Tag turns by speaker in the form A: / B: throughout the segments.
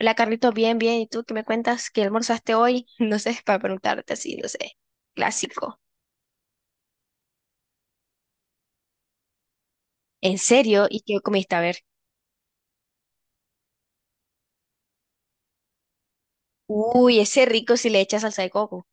A: Hola Carlitos, bien, bien. ¿Y tú qué me cuentas? ¿Qué almorzaste hoy? No sé, para preguntarte así, no sé. Clásico. ¿En serio? ¿Y qué comiste? A ver. Uy, ese rico si le echas salsa de coco.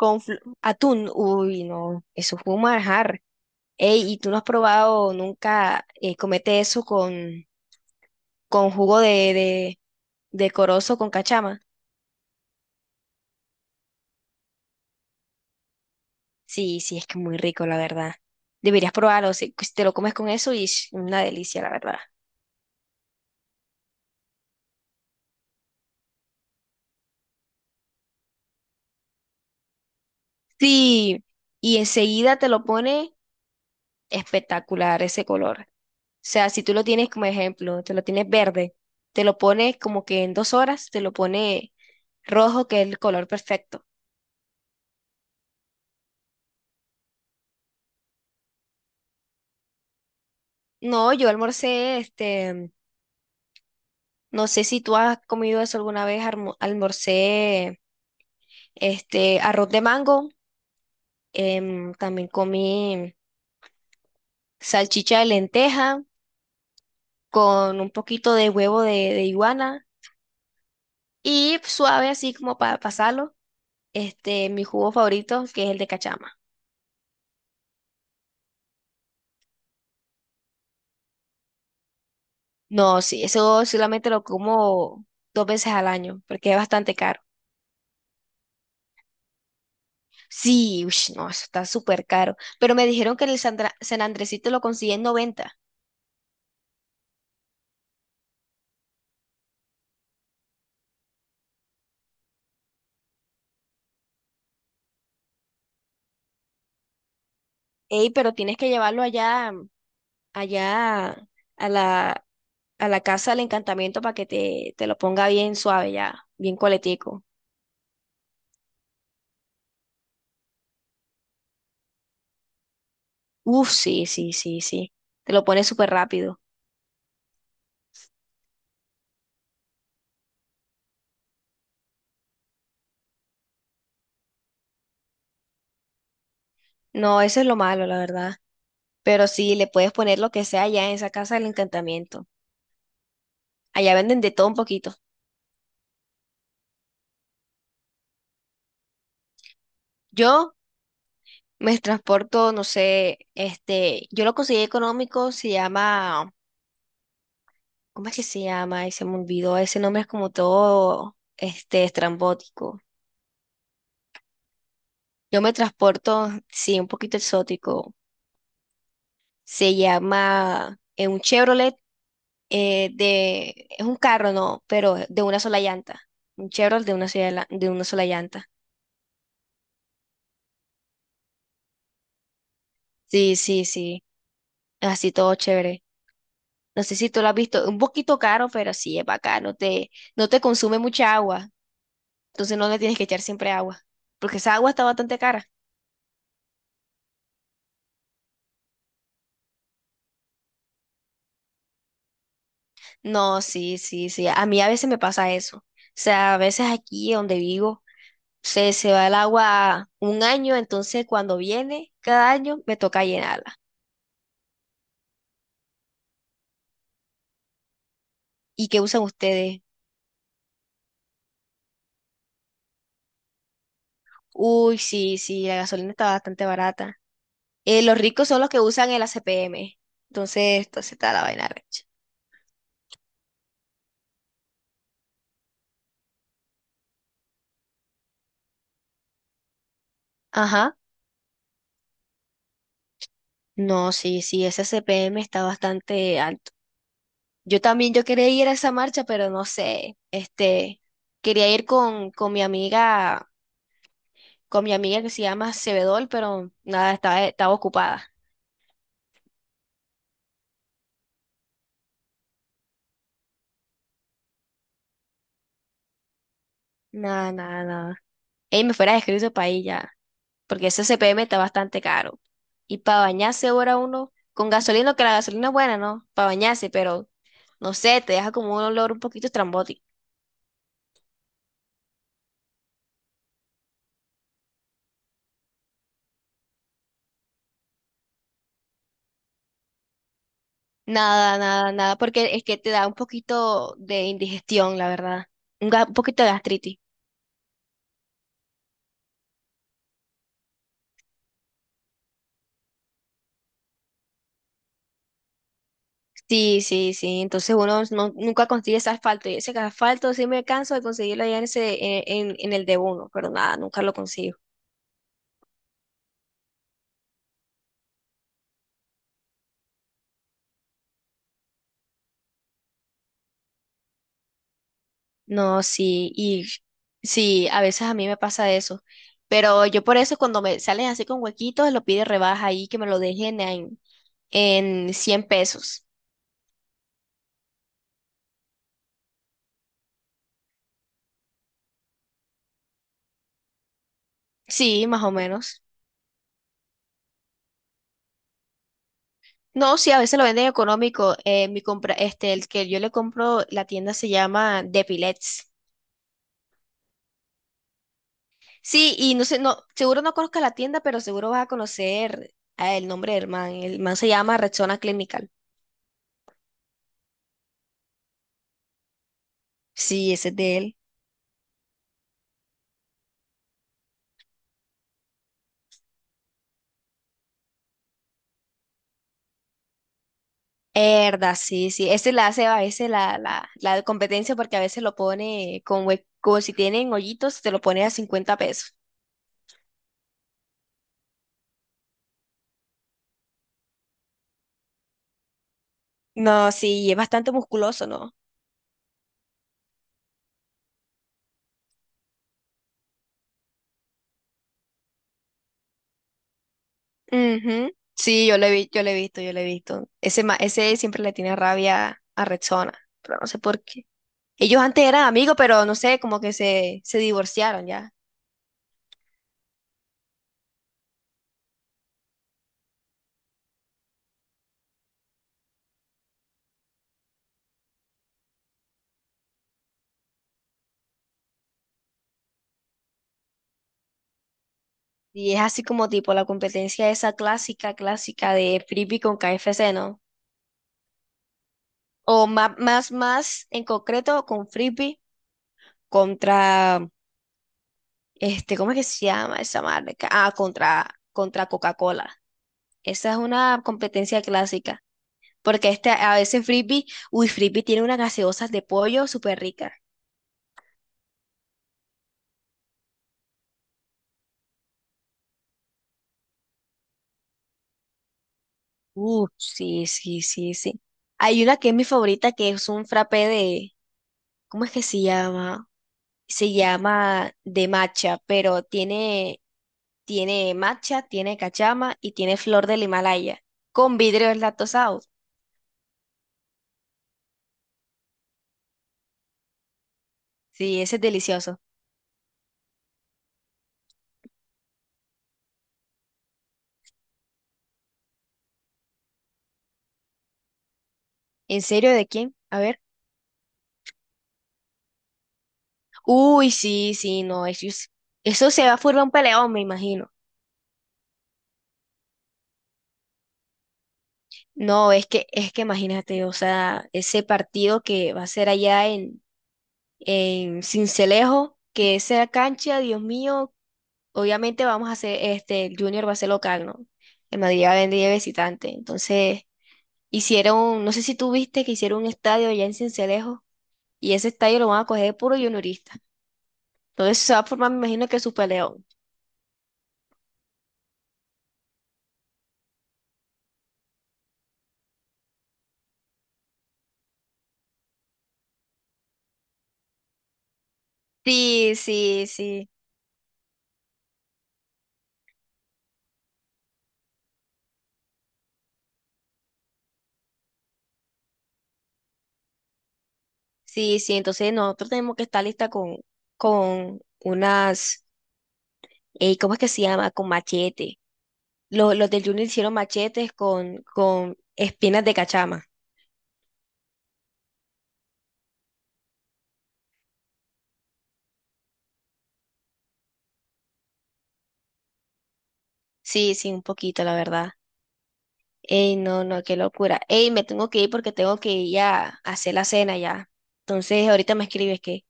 A: Con atún. Uy, no. Eso fue un manjar. Ey, ¿y tú no has probado nunca comete eso con jugo de corozo con cachama? Sí, sí, es que muy rico, la verdad. Deberías probarlo. Si te lo comes con eso, y una delicia, la verdad. Sí, y enseguida te lo pone espectacular ese color. O sea, si tú lo tienes como ejemplo, te lo tienes verde, te lo pone como que en 2 horas, te lo pone rojo, que es el color perfecto. No, yo almorcé, este, no sé si tú has comido eso alguna vez, almorcé, este, arroz de mango, también comí salchicha de lenteja con un poquito de huevo de iguana y suave así como para pasarlo, este, mi jugo favorito, que es el de cachama. No, sí, eso solamente lo como 2 veces al año, porque es bastante caro. Sí, ush, no, eso está súper caro. Pero me dijeron que en el San Andresito lo consigue en 90. Ey, pero tienes que llevarlo allá, allá a la, a la casa del encantamiento para que te lo ponga bien suave ya, bien coletico. Uf, sí, sí, sí, sí. Te lo pone súper rápido. No, eso es lo malo, la verdad. Pero sí, le puedes poner lo que sea allá en esa casa del encantamiento. Allá venden de todo un poquito. Yo me transporto, no sé, este, yo lo conseguí económico, se llama, ¿cómo es que se llama? Ay, se me olvidó, ese nombre es como todo, este, estrambótico. Yo me transporto, sí, un poquito exótico. Se llama un Chevrolet de, es un carro, no, pero de una sola llanta. Un Chevrolet de una sola llanta. Sí, sí, sí, así todo chévere. No sé si tú lo has visto, un poquito caro, pero sí es bacano, no te consume mucha agua. Entonces no le tienes que echar siempre agua, porque esa agua está bastante cara. No, sí, sí, sí. A mí a veces me pasa eso. O sea, a veces aquí donde vivo se va el agua un año, entonces cuando viene cada año me toca llenarla. ¿Y qué usan ustedes? Uy, sí, sí, la gasolina está bastante barata. Los ricos son los que usan el ACPM. Entonces, entonces está la vaina recha. Ajá. No, sí, sí, ese ACPM está bastante alto. Yo también, yo quería ir a esa marcha, pero no sé, este, quería ir con mi amiga que se llama Sebedol, pero nada, estaba, estaba ocupada. Nada, nada, nada. Ey, me fuera escrito para ahí ya, porque ese CPM está bastante caro. Y para bañarse ahora uno, con gasolina, que la gasolina es buena, ¿no? Para bañarse, pero no sé, te deja como un olor un poquito estrambótico. Nada, nada, nada, porque es que te da un poquito de indigestión, la verdad. Un, un poquito de gastritis. Sí, sí, sí. Entonces uno nunca consigue ese asfalto. Y ese asfalto sí me canso de conseguirlo allá en ese, en el de uno, pero nada, nunca lo consigo. No, sí, y sí, a veces a mí me pasa eso. Pero yo por eso cuando me salen así con huequitos, lo pide rebaja ahí, que me lo dejen en, 100 pesos. Sí, más o menos. No, sí, a veces lo venden económico. Mi compra, este, el que yo le compro, la tienda se llama Depilets. Sí, y no sé, no, seguro no conozcas la tienda, pero seguro vas a conocer el nombre del man. El man se llama Rexona Clinical. Sí, ese es de él. Herda, sí, sí. Ese la hace a veces la competencia porque a veces lo pone con como si tienen hoyitos, te lo pone a 50 pesos. No, sí, y es bastante musculoso, ¿no? Ujú. Sí, yo lo he visto, yo lo he visto. Ese, ese siempre le tiene rabia a Rexona, pero no sé por qué. Ellos antes eran amigos, pero no sé, como que se divorciaron ya. Y es así como tipo la competencia esa clásica, clásica de Frisbee con KFC, ¿no? O más en concreto con Frisbee contra, este, ¿cómo es que se llama esa marca? Ah, contra Coca-Cola. Esa es una competencia clásica. Porque este, a veces Frisbee, uy, Frisbee tiene unas gaseosas de pollo súper ricas. Sí, sí, sí, sí. Hay una que es mi favorita, que es un frappé de, ¿cómo es que se llama? Se llama de matcha, pero tiene matcha, tiene cachama y tiene flor del Himalaya, con vidrios lactosados. Sí, ese es delicioso. ¿En serio de quién? A ver. Uy, sí, sí, no, eso, eso se va a formar un peleón, me imagino. No, es que imagínate, o sea, ese partido que va a ser allá en Sincelejo, que esa cancha, Dios mío, obviamente vamos a hacer, este, el Junior va a ser local, ¿no? El Madrid va a venir de visitante, entonces hicieron, no sé si tú viste que hicieron un estadio allá en Cincelejo y ese estadio lo van a coger de puro juniorista. Entonces se va a formar, me imagino que su peleón. Sí, sí, sí, sí, sí. Entonces nosotros tenemos que estar lista con unas, ¿cómo es que se llama? Con machete. Los del Junior hicieron machetes con espinas de cachama. Sí, sí, un poquito, la verdad. Ey, no, no, qué locura. Ey, me tengo que ir porque tengo que ir a hacer la cena ya. Entonces ahorita me escribes que,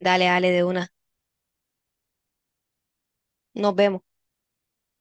A: dale, dale de una. Nos vemos.